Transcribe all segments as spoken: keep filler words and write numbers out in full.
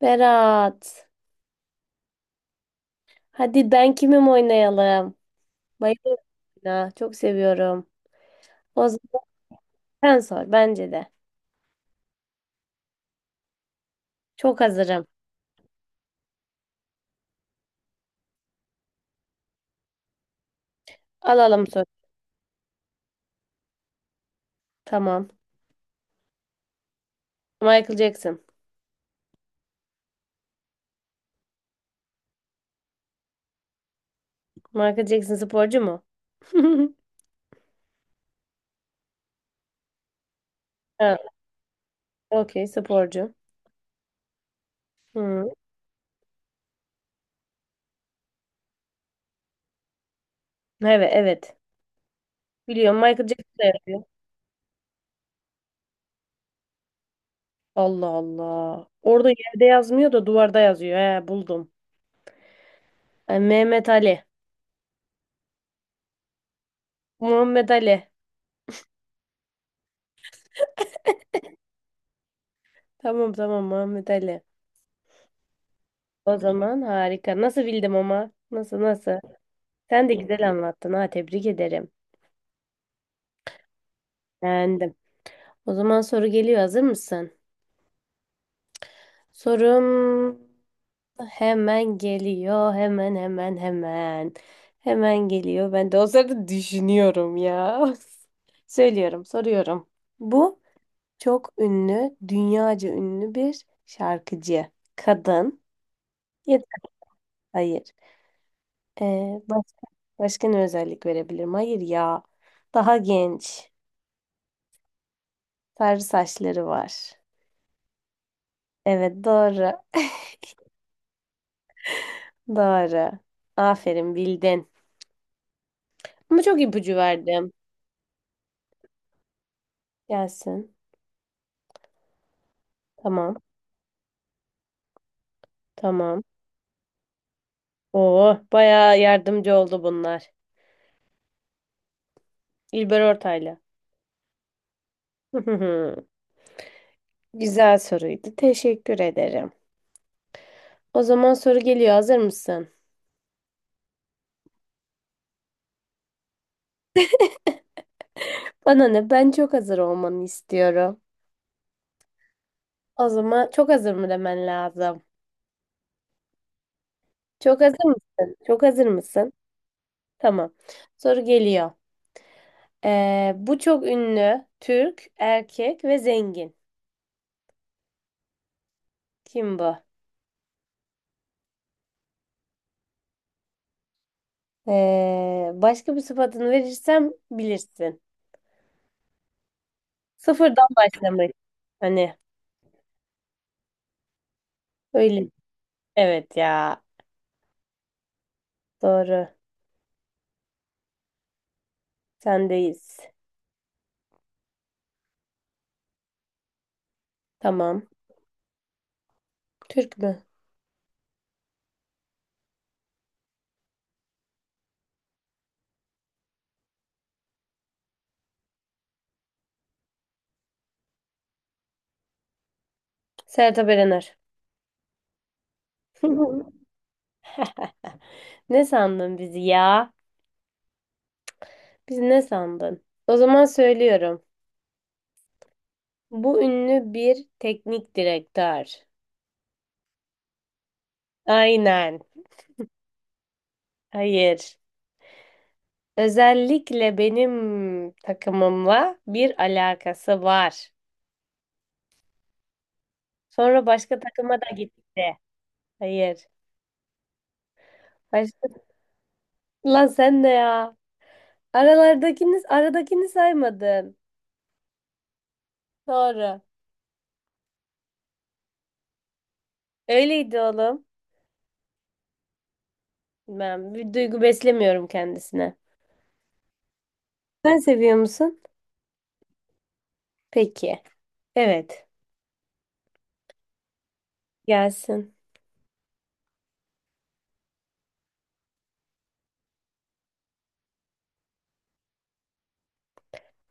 Berat. Hadi ben kimim oynayalım. Bayılıyorum oyuna. Çok seviyorum. O zaman sen sor bence de. Çok hazırım. Alalım soru. Tamam. Michael Jackson. Michael Jackson sporcu mu? Ha, okey sporcu. Hı. Evet evet. Biliyorum Michael Jackson da yapıyor. Allah Allah. Orada yerde yazmıyor da duvarda yazıyor. He buldum. Ay, Mehmet Ali. Muhammed Ali. Tamam tamam Muhammed Ali. O zaman harika. Nasıl bildim ama? Nasıl nasıl? Sen de güzel anlattın ha, tebrik ederim. Beğendim. O zaman soru geliyor, hazır mısın? Sorum hemen geliyor hemen hemen hemen. Hemen geliyor. Ben de o sırada düşünüyorum ya. Söylüyorum, soruyorum. Bu çok ünlü, dünyaca ünlü bir şarkıcı. Kadın. Ya da- hayır. Ee, başka, başka ne özellik verebilirim? Hayır ya. Daha genç. Sarı saçları var. Evet doğru. Doğru. Aferin bildin. Ama çok ipucu verdim. Gelsin. Tamam. Tamam. Oo, bayağı yardımcı oldu bunlar. İlber Ortaylı. Güzel soruydu. Teşekkür ederim. O zaman soru geliyor. Hazır mısın? Bana ne? Ben çok hazır olmanı istiyorum. O zaman çok hazır mı demen lazım? Çok hazır mısın? Çok hazır mısın? Tamam. Soru geliyor. Ee, bu çok ünlü, Türk, erkek ve zengin. Kim bu? Ee, başka bir sıfatını verirsem bilirsin. Sıfırdan başlamak. Hani öyle. Evet ya. Doğru. Sendeyiz. Tamam. Türk mü? Sertab Erener. Ne sandın bizi ya? Biz ne sandın? O zaman söylüyorum. Bu ünlü bir teknik direktör. Aynen. Hayır. Özellikle benim takımımla bir alakası var. Sonra başka takıma da gitti. Hayır. Başka... Lan sen de ya. Aralardakini, aradakini saymadın. Doğru. Öyleydi oğlum. Ben bir duygu beslemiyorum kendisine. Sen seviyor musun? Peki. Evet. Gelsin.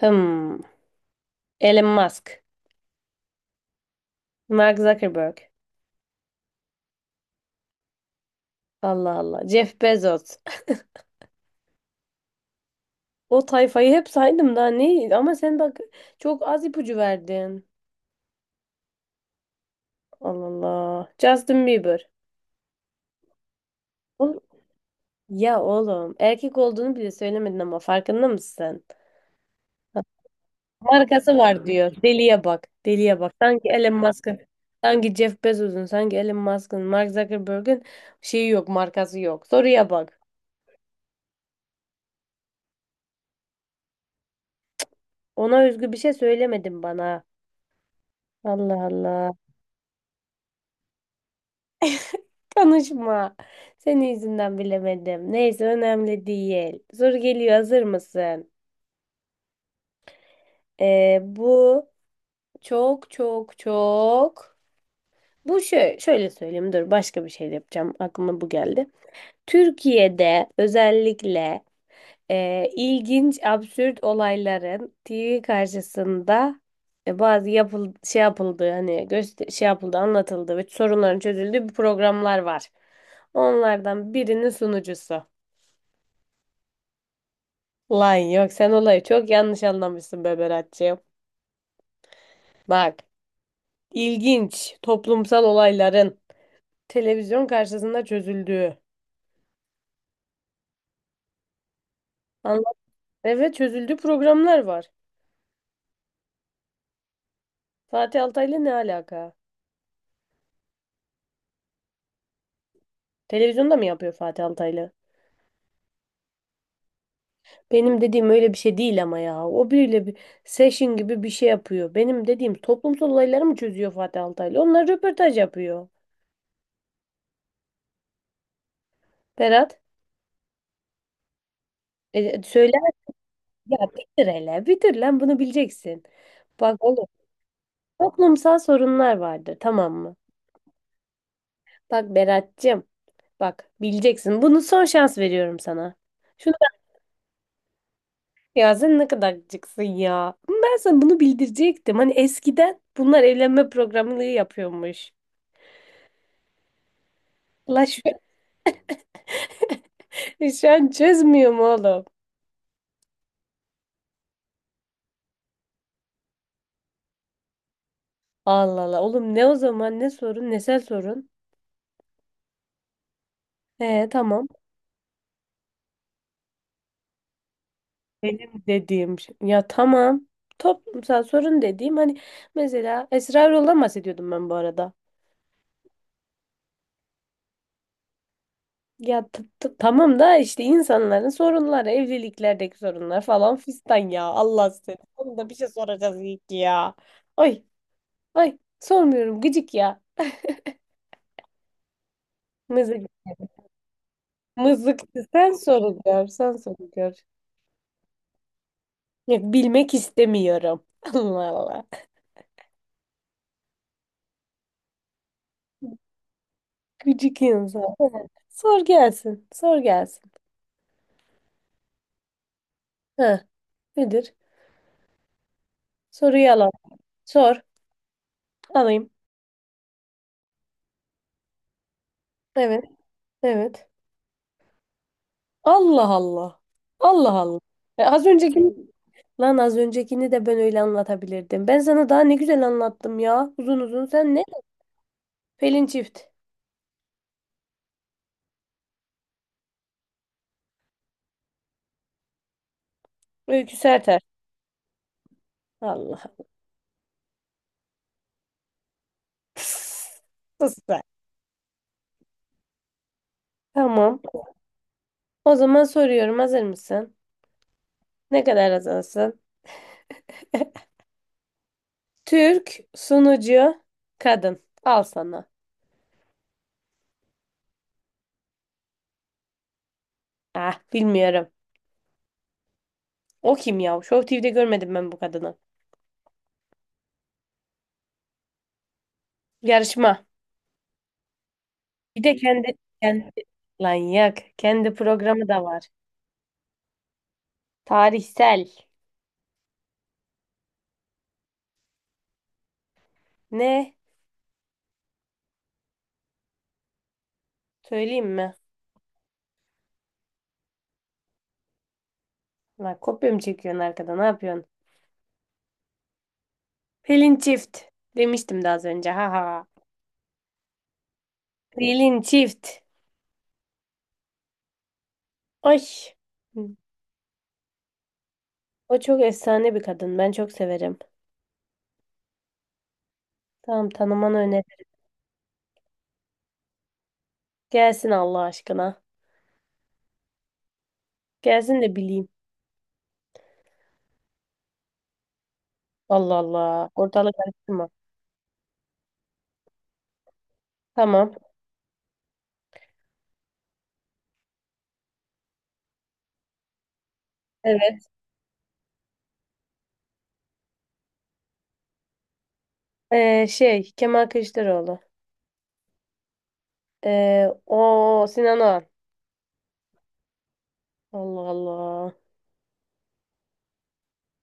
Hmm. Elon Musk. Mark Zuckerberg. Allah Allah. Jeff Bezos. O tayfayı hep saydım, daha ne? Ama sen bak, çok az ipucu verdin. Allah Allah. Justin Bieber. Oğlum- Ya oğlum erkek olduğunu bile söylemedin ama farkında mısın? Markası var diyor. Deliye bak. Deliye bak. Sanki Elon Musk'ın, sanki Jeff Bezos'un, sanki Elon Musk'ın, Mark Zuckerberg'ün şeyi yok, markası yok. Soruya bak. Ona özgü bir şey söylemedin bana. Allah Allah. Konuşma. Senin yüzünden bilemedim. Neyse önemli değil. Soru geliyor. Hazır mısın? Ee, bu çok çok çok. Bu şöyle, şöyle söyleyeyim. Dur, başka bir şey de yapacağım. Aklıma bu geldi. Türkiye'de özellikle e, ilginç, absürt olayların T V karşısında e, bazı yapıl şey yapıldığı, hani göster şey yapıldı, anlatıldı ve sorunların çözüldüğü bir programlar var. Onlardan birinin sunucusu. Lan yok, sen olayı çok yanlış anlamışsın be Berat'cığım. Bak, ilginç toplumsal olayların televizyon karşısında çözüldüğü. Anlat, evet çözüldüğü programlar var. Fatih Altaylı ne alaka? Televizyonda mı yapıyor Fatih Altaylı? Benim dediğim öyle bir şey değil ama ya. O biriyle bir session gibi bir şey yapıyor. Benim dediğim toplumsal olayları mı çözüyor Fatih Altaylı? Onlar röportaj yapıyor. Berat, e, e, söyle ya, bitir hele. Bitir lan, bunu bileceksin. Bak oğlum, toplumsal sorunlar vardır, tamam mı? Bak Berat'cığım, bak bileceksin. Bunu son şans veriyorum sana. Şunu ya, sen ne kadar gıcıksın ya. Ben sana bunu bildirecektim. Hani eskiden bunlar evlenme programını yapıyormuş. La şu, şu an çözmüyor mu oğlum? Allah Allah. Oğlum ne o zaman, ne sorun, nesel sorun. He tamam. Benim dediğim şey. Ya tamam. Toplumsal sorun dediğim hani, mesela Esrarol'dan bahsediyordum ben bu arada. Ya t- t- tamam da işte insanların sorunları, evliliklerdeki sorunlar falan fistan ya. Allah seni. Onu da bir şey soracağız ilk ya. Ay, ay sormuyorum gıcık ya. Mızık. Mızıkçı sen soruluyor, sen soruluyor. Ya bilmek istemiyorum. Allah Allah. Gıcık insan. Sor gelsin. Sor gelsin. Ha, nedir? Soruyu alalım. Sor. Alayım. Evet. Evet. Allah Allah. Allah Allah. E, az önceki. Lan az öncekini de ben öyle anlatabilirdim. Ben sana daha ne güzel anlattım ya. Uzun uzun sen ne? Pelin Çift. Öykü Serter. Allah. Pıs, sus be. Tamam. O zaman soruyorum. Hazır mısın? Ne kadar hazırsın? Türk sunucu kadın. Al sana. Ah bilmiyorum. O kim ya? Show T V'de görmedim ben bu kadını. Yarışma. Bir de kendi, kendi lan yak. Kendi programı da var. Tarihsel. Ne? Söyleyeyim mi? Lan kopya mı çekiyorsun arkada? Ne yapıyorsun? Pelin Çift. Demiştim daha az önce. Ha ha. Pelin Çift. Ay. O çok efsane bir kadın. Ben çok severim. Tamam, tanımanı öneririm. Gelsin Allah aşkına. Gelsin de bileyim. Allah Allah. Ortalık karıştırma. Tamam. Evet. Ee, şey Kemal Kılıçdaroğlu. Ee, o Sinan Oğan. Allah Allah.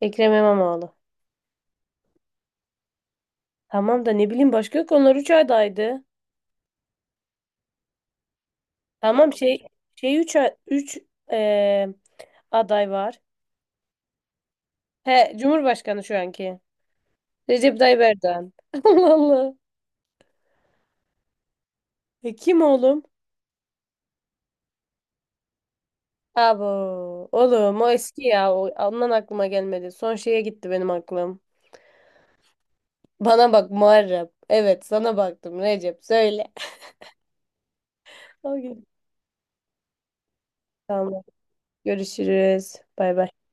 Ekrem İmamoğlu. Tamam da ne bileyim, başka yok. Onlar üç adaydı. Tamam şey şey üç 3 aday var. He Cumhurbaşkanı şu anki. Recep Tayyip Erdoğan. Allah Allah. E, kim oğlum? Abo. Oğlum o eski ya. O, ondan aklıma gelmedi. Son şeye gitti benim aklım. Bana bak Muharrem. Evet sana baktım, Recep söyle. O gün. Tamam. Görüşürüz. Bay bay.